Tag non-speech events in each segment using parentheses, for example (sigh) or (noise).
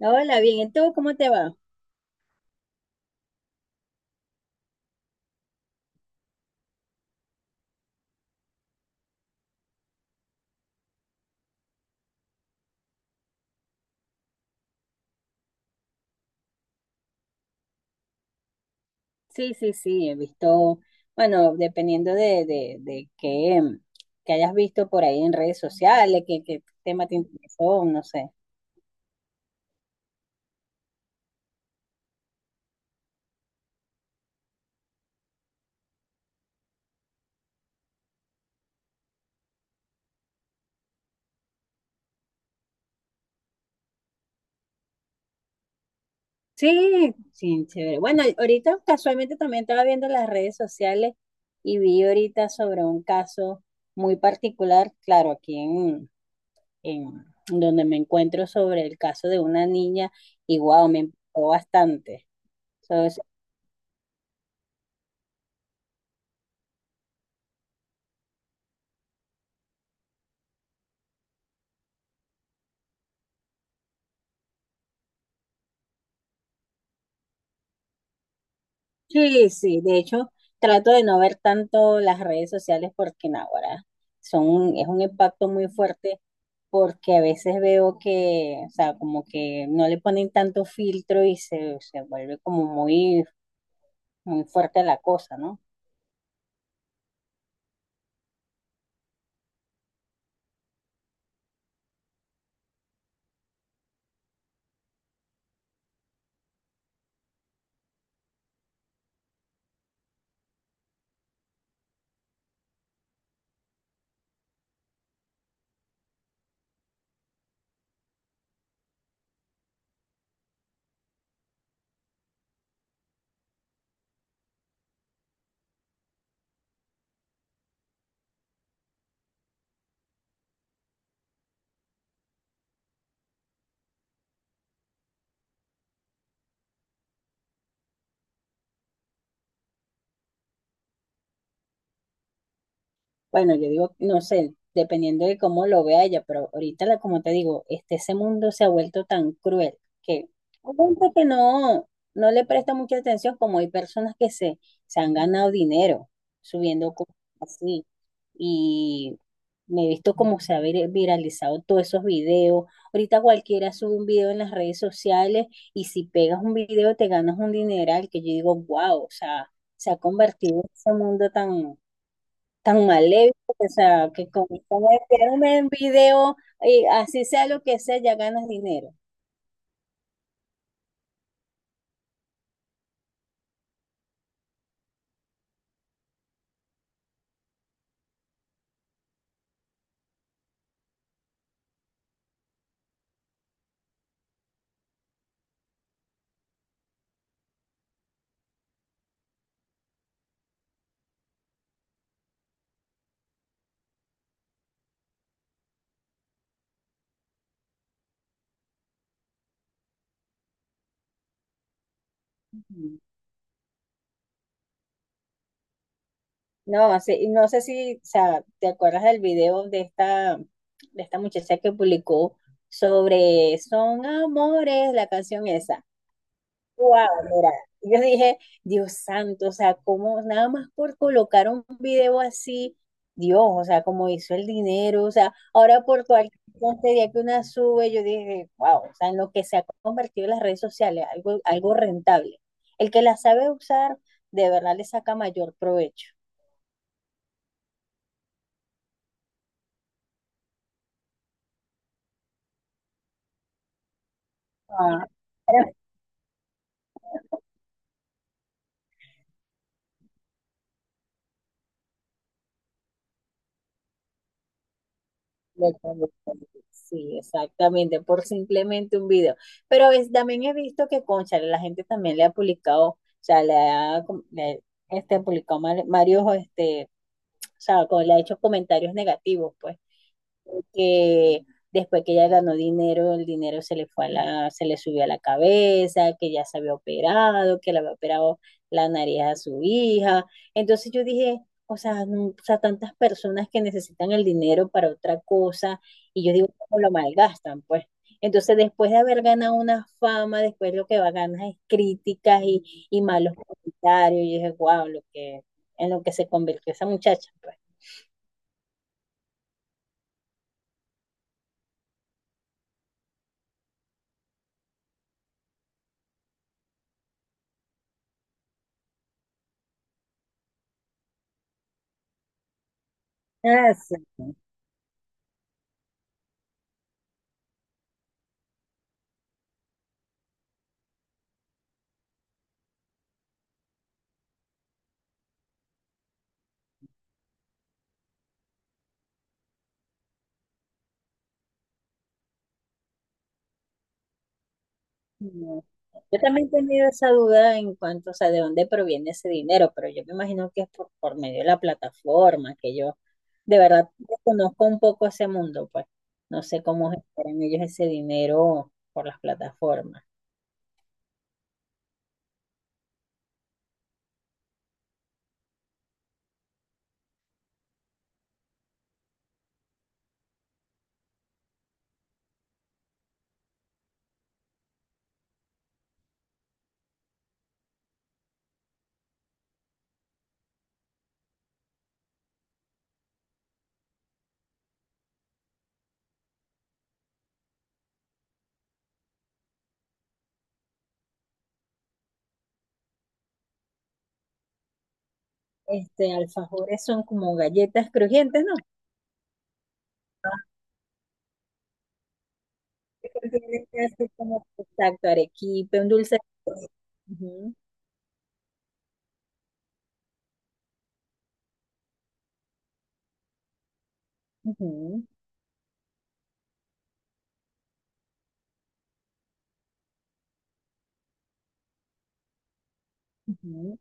Hola, bien. ¿Y tú cómo te va? Sí, sí, sí, he visto, bueno, dependiendo de qué, que hayas visto por ahí en redes sociales, qué tema te interesó, no sé. Sí, sí, chévere. Bueno, ahorita casualmente también estaba viendo las redes sociales y vi ahorita sobre un caso muy particular, claro, en donde me encuentro sobre el caso de una niña y wow, me impactó bastante. Sí, sí, de hecho, trato de no ver tanto las redes sociales porque no, ahora es un impacto muy fuerte porque a veces veo que, o sea, como que no le ponen tanto filtro y se vuelve como muy fuerte la cosa, ¿no? Bueno, yo digo, no sé, dependiendo de cómo lo vea ella, pero ahorita, como te digo, este, ese mundo se ha vuelto tan cruel que hay gente que no le presta mucha atención, como hay personas que se han ganado dinero subiendo cosas así. Y me he visto cómo se ha viralizado todos esos videos. Ahorita cualquiera sube un video en las redes sociales y si pegas un video te ganas un dineral que yo digo, wow, o sea, se ha convertido en ese mundo tan tan maléfico, o sea, que con enviarme un video, y así sea lo que sea, ya ganas dinero. Ujú. No, no sé si, o sea, ¿te acuerdas del video de de esta muchacha que publicó sobre Son Amores, la canción esa? Wow, mira, yo dije, Dios santo, o sea, como nada más por colocar un video así, Dios, o sea, como hizo el dinero, o sea, ahora por cualquier tontería que una sube, yo dije, wow, o sea, en lo que se ha convertido en las redes sociales, algo rentable. El que la sabe usar, de verdad le saca mayor provecho. Ah, (laughs) Lo conductores, sí, exactamente, por simplemente un video. Pero también he visto que, cónchale, la gente también le ha publicado, o sea, le ha com- le- este, varios, este, o sea, como le ha hecho comentarios negativos, pues que después que ella ganó dinero, el dinero se le fue a se le subió a la cabeza, que ya se había operado, que le había operado la nariz a su hija. Entonces yo dije, o sea, o sea, tantas personas que necesitan el dinero para otra cosa, y yo digo, ¿cómo lo malgastan? Pues. Entonces, después de haber ganado una fama, después lo que va a ganar es críticas y malos comentarios. Y yo dije, wow, en lo que se convirtió esa muchacha, pues. Ah, sí. No. Yo también he tenido esa duda en cuanto, o sea, de dónde proviene ese dinero, pero yo me imagino que es por medio de la plataforma, que yo de verdad conozco un poco ese mundo, pues no sé cómo generan ellos ese dinero por las plataformas. Este, alfajores son como galletas crujientes, ¿no? Ah, que contienen casi como, exacto, arequipe, un dulce. Ujú, ujú, ujú.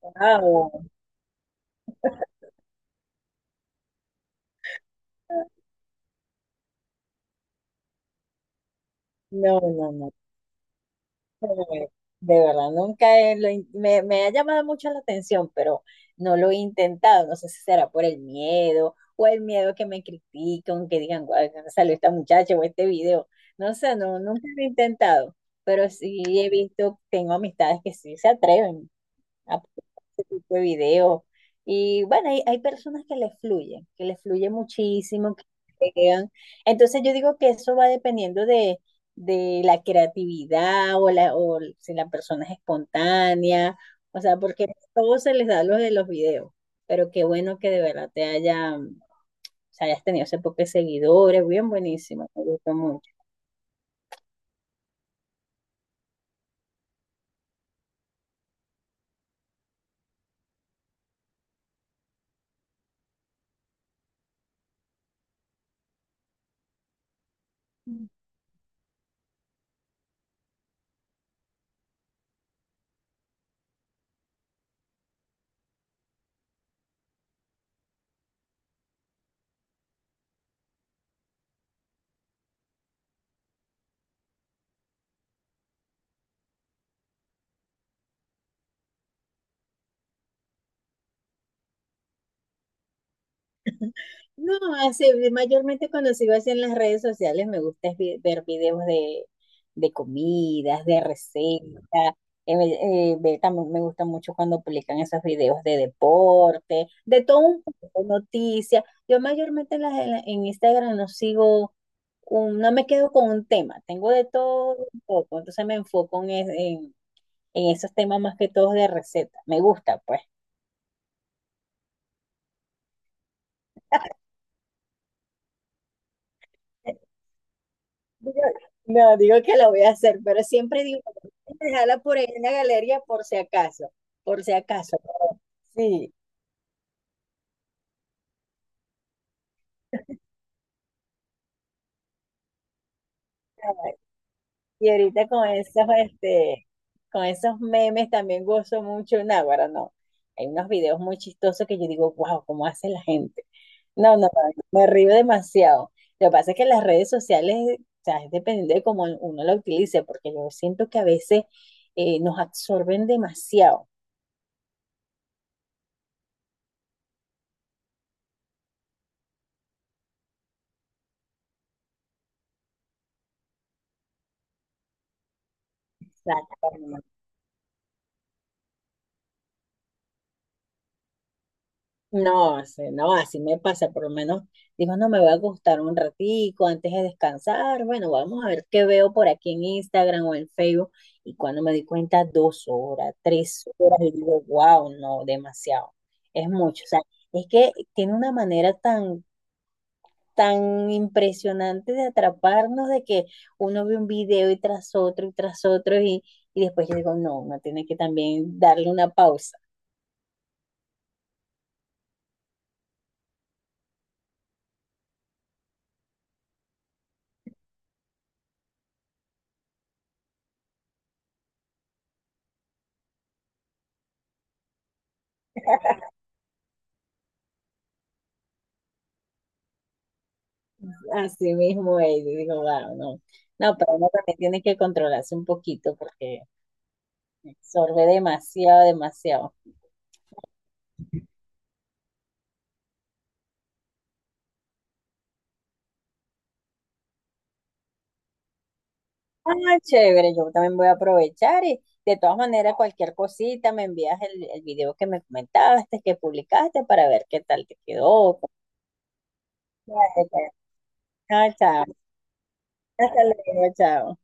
Guau. No, no, no. Eh, De verdad, nunca he- lo in- me ha llamado mucho la atención, pero no lo he intentado. No sé si será por el miedo o el miedo que me critiquen, que digan, guau, ¿dónde salió esta muchacha o este video? No sé, no, nunca lo he intentado, pero sí he visto, tengo amistades que sí se atreven a ese tipo de video. Y bueno, hay personas que les fluyen, que les fluye muchísimo, que se quedan. Entonces yo digo que eso va dependiendo de la creatividad o, o si la persona es espontánea, o sea, porque no todo se les da lo de los videos. Pero qué bueno que de verdad te haya, o sea, hayas tenido ese poco de seguidores, bien buenísimo, me gustó mucho. No, así, mayormente cuando sigo así en las redes sociales me gusta es ver videos de comidas, de recetas. eh, también me gusta mucho cuando publican esos videos de deporte, de todo un poco, noticias. Yo mayormente en, las- en la- en Instagram no sigo, no me quedo con un tema, tengo de todo un poco, entonces me enfoco en en esos temas más que todos de recetas. Me gusta, pues. Digo- No, digo que la voy a hacer, pero siempre digo, dejarla por ahí en la galería por si acaso, por si acaso. Sí, y ahorita con este, con esos memes también gozo mucho, Náguara, no. Hay unos videos muy chistosos que yo digo, wow, ¿cómo hace la gente? No, no, no, me río demasiado. Lo que pasa es que las redes sociales, o sea, es dependiendo de cómo uno la utilice, porque yo siento que a veces nos absorben demasiado. Exacto. No, así, no, así me pasa, por lo menos digo, no me va a gustar un ratico antes de descansar, bueno, vamos a ver qué veo por aquí en Instagram o en Facebook, y cuando me di cuenta, dos horas, tres horas, y digo, wow, no, demasiado, es mucho, o sea, es que tiene una manera tan impresionante de atraparnos, de que uno ve un video y tras otro y tras otro, y después yo digo, no, uno tiene que también darle una pausa. Así mismo es, y digo, wow, no. No, pero uno también tiene que controlarse un poquito porque absorbe demasiado, demasiado. Ah, chévere, yo también voy a aprovechar y de todas maneras cualquier cosita me envías el video que me comentaste, que publicaste para ver qué tal te quedó, cómo fue. Ah, chao. Hasta luego, chao.